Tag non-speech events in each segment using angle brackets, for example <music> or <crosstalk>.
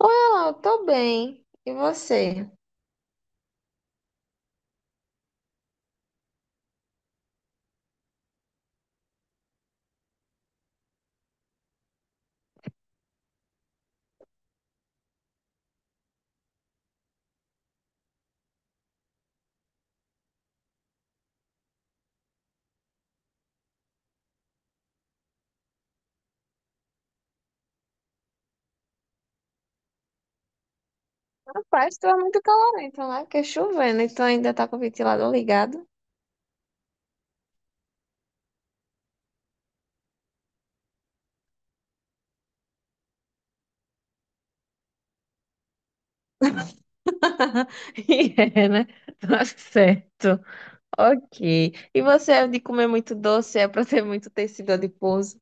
Oi, Alau, tô bem. E você? Rapaz, tu é muito calorento, né? Porque é chovendo, então ainda tá com o ventilador ligado. <laughs> E é, né? Tá certo. Ok. E você é de comer muito doce, é pra ter muito tecido adiposo.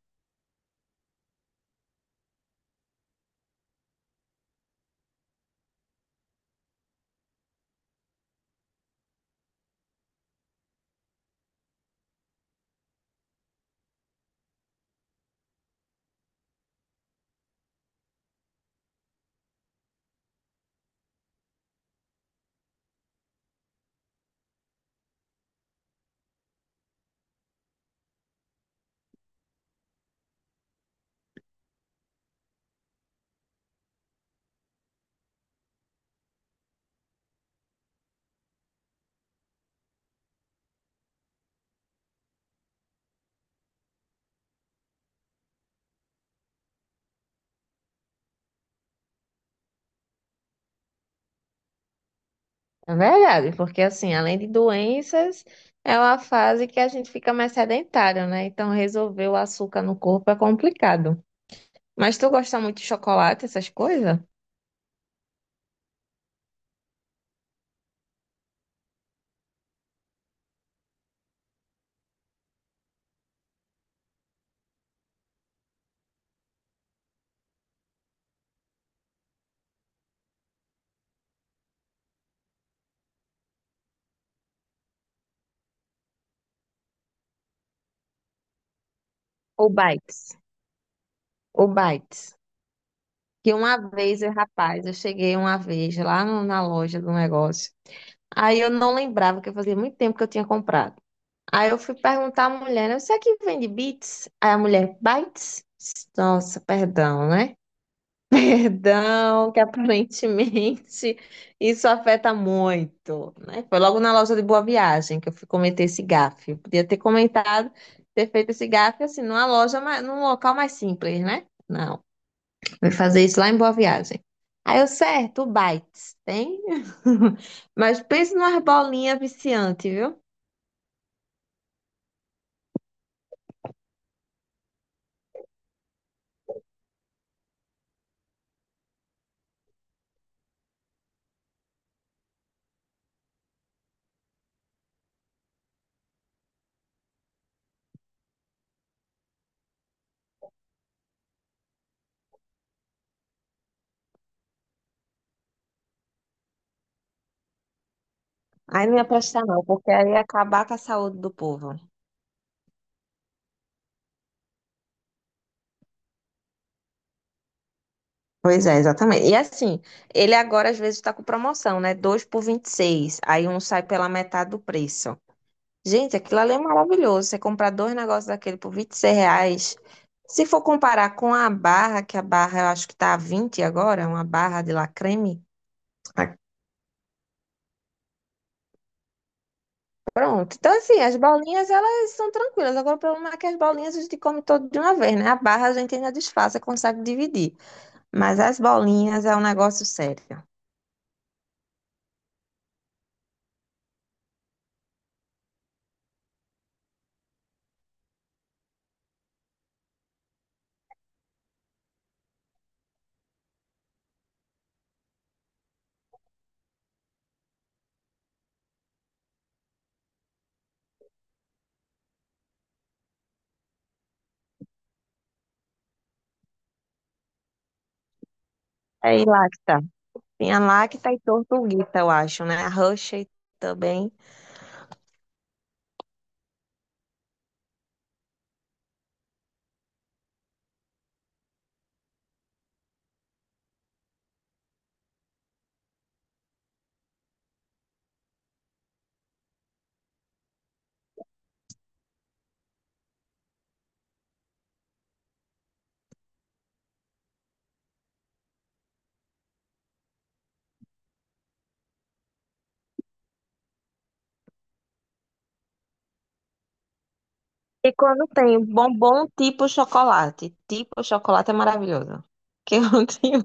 É verdade, porque assim, além de doenças, é uma fase que a gente fica mais sedentário, né? Então resolver o açúcar no corpo é complicado. Mas tu gosta muito de chocolate, essas coisas? Ou bites? Ou bites? Que uma vez, rapaz, eu cheguei uma vez lá na loja do negócio. Aí eu não lembrava que eu fazia muito tempo que eu tinha comprado. Aí eu fui perguntar à mulher, né? Isso aqui vende bits? Aí a mulher, bites? Nossa, perdão, né? <laughs> Perdão, que aparentemente isso afeta muito, né? Foi logo na loja de Boa Viagem que eu fui cometer esse gafe. Eu podia ter comentado, ter feito esse gafe assim, numa loja, mais, num local mais simples, né? Não. Vai fazer isso lá em Boa Viagem. Aí eu, certo, o Bites, tem? <laughs> Mas pensa numa bolinha viciante, viu? Aí não ia prestar não, porque aí ia acabar com a saúde do povo. Pois é, exatamente. E assim, ele agora às vezes está com promoção, né? 2 por 26. Aí um sai pela metade do preço. Gente, aquilo ali é maravilhoso. Você comprar dois negócios daquele por 26 reais. Se for comparar com a barra, que a barra eu acho que tá a 20 agora, uma barra de lacreme. Ah, pronto. Então, assim, as bolinhas, elas são tranquilas. Agora, o problema é que as bolinhas a gente come todo de uma vez, né? A barra a gente ainda desfaz, consegue dividir. Mas as bolinhas é um negócio sério. É e Lacta. Tinha Lacta e Tortuguita, eu acho, né? A Hershey também. Quando tem bombom tipo chocolate. Tipo chocolate é maravilhoso. Que eu <laughs> tenho.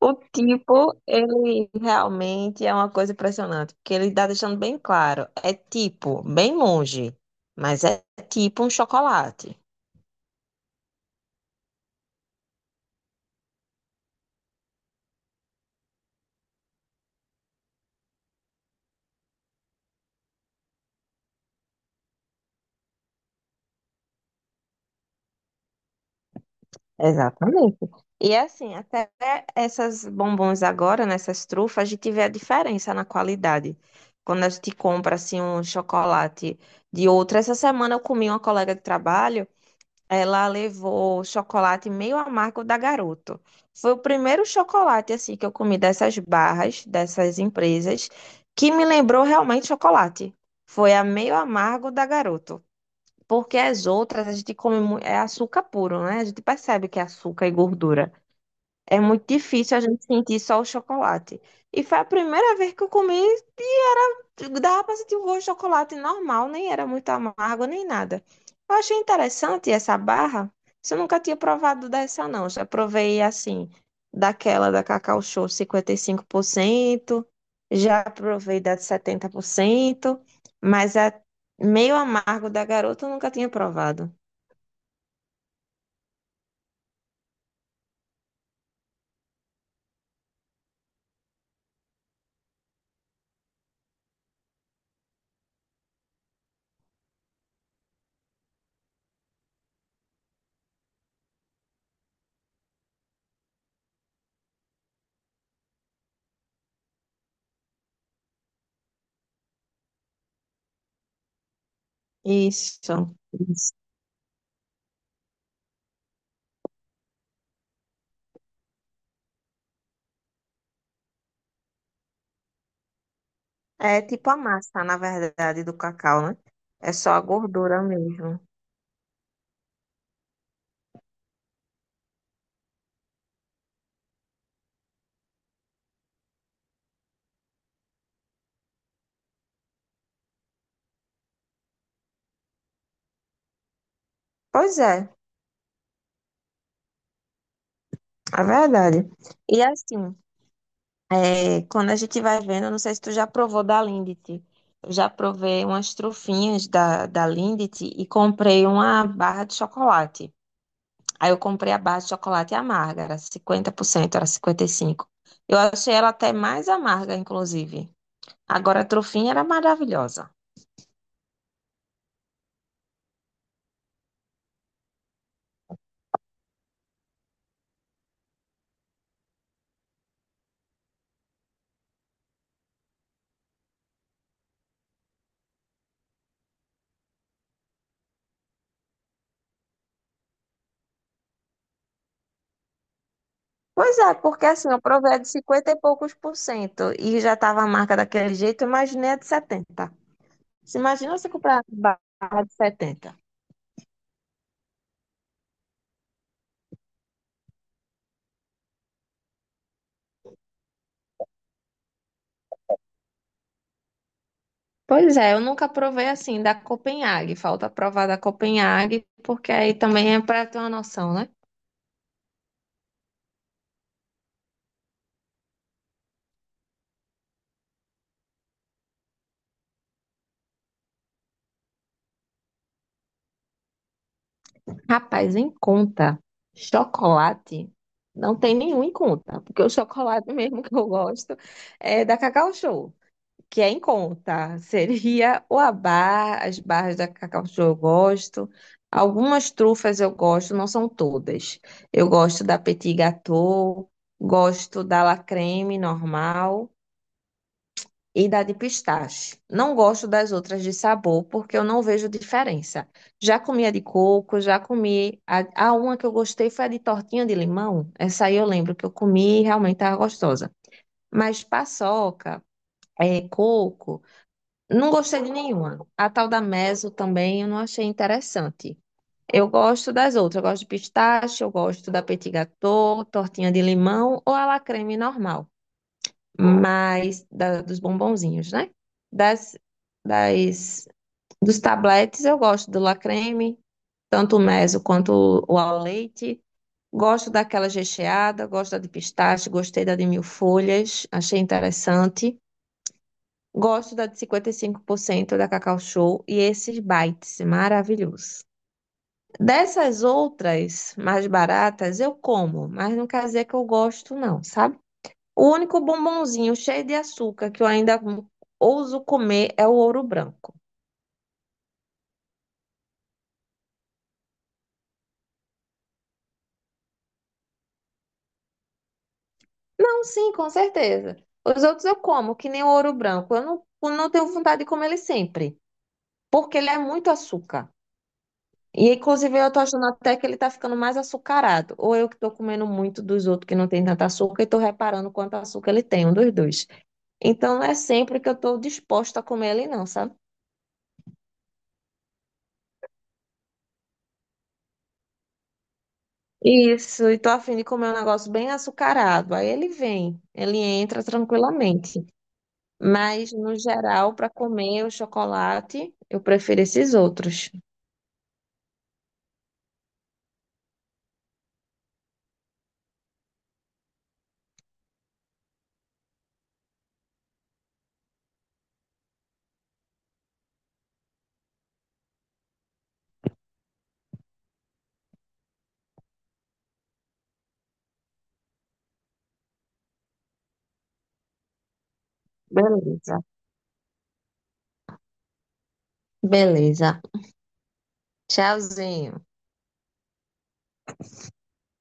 O tipo, ele realmente é uma coisa impressionante. Porque ele está deixando bem claro. É tipo, bem longe. Mas é tipo um chocolate. Exatamente. E é assim, até essas bombons agora, nessas trufas, a gente vê a diferença na qualidade. Quando a gente compra assim um chocolate de outra. Essa semana eu comi uma colega de trabalho. Ela levou chocolate meio amargo da Garoto. Foi o primeiro chocolate assim que eu comi dessas barras, dessas empresas, que me lembrou realmente chocolate. Foi a meio amargo da Garoto. Porque as outras a gente come é açúcar puro, né? A gente percebe que é açúcar e gordura. É muito difícil a gente sentir só o chocolate. E foi a primeira vez que eu comi e era, dava pra sentir o gosto de chocolate normal, nem era muito amargo nem nada. Eu achei interessante essa barra. Isso. Eu nunca tinha provado dessa, não. Já provei assim, daquela da Cacau Show 55%, já provei da de 70%, mas a meio amargo da garota eu nunca tinha provado. Isso. É tipo a massa, na verdade, do cacau, né? É só a gordura mesmo. Pois é, é verdade. E assim, é, quando a gente vai vendo, não sei se tu já provou da Lindt. Eu já provei umas trufinhas da Lindt e comprei uma barra de chocolate. Aí eu comprei a barra de chocolate amarga, era 50%, era 55%. Eu achei ela até mais amarga, inclusive. Agora a trufinha era maravilhosa. Pois é, porque assim, eu provei a de 50 e poucos por cento e já estava a marca daquele jeito, eu imaginei a de setenta. Se imagina você comprar a barra de setenta. Pois é, eu nunca provei assim da Copenhague. Falta provar da Copenhague, porque aí também é para ter uma noção, né? Rapaz, em conta, chocolate não tem nenhum em conta, porque o chocolate mesmo que eu gosto é da Cacau Show. Que é em conta. Seria o abá, as barras da Cacau Show eu gosto. Algumas trufas eu gosto, não são todas. Eu gosto da Petit Gâteau, gosto da La Creme normal e da de pistache. Não gosto das outras de sabor porque eu não vejo diferença. Já comi a de coco, já comi a uma que eu gostei foi a de tortinha de limão. Essa aí eu lembro que eu comi e realmente estava gostosa. Mas paçoca, é, coco não gostei de nenhuma. A tal da Meso também eu não achei interessante. Eu gosto das outras. Eu gosto de pistache, eu gosto da petit gâteau, tortinha de limão ou a la creme normal. Mas dos bombonzinhos, né? Das, das, dos tabletes eu gosto do la creme, tanto o Meso quanto o ao leite. Gosto daquela recheada, gosto da de pistache, gostei da de mil folhas, achei interessante. Gosto da de 55% da Cacau Show e esses bites, maravilhosos. Dessas outras mais baratas eu como, mas não quer dizer que eu gosto não, sabe? O único bombonzinho cheio de açúcar que eu ainda ouso comer é o ouro branco. Não, sim, com certeza. Os outros eu como, que nem o ouro branco. Eu não, não tenho vontade de comer ele sempre, porque ele é muito açúcar. E inclusive eu tô achando até que ele tá ficando mais açucarado. Ou eu que tô comendo muito dos outros que não tem tanto açúcar e tô reparando quanto açúcar ele tem, um dos dois. Então não é sempre que eu tô disposta a comer ele não, sabe? Isso, e tô a fim de comer um negócio bem açucarado. Aí ele vem, ele entra tranquilamente. Mas no geral, para comer o chocolate, eu prefiro esses outros. Beleza. Beleza. Tchauzinho.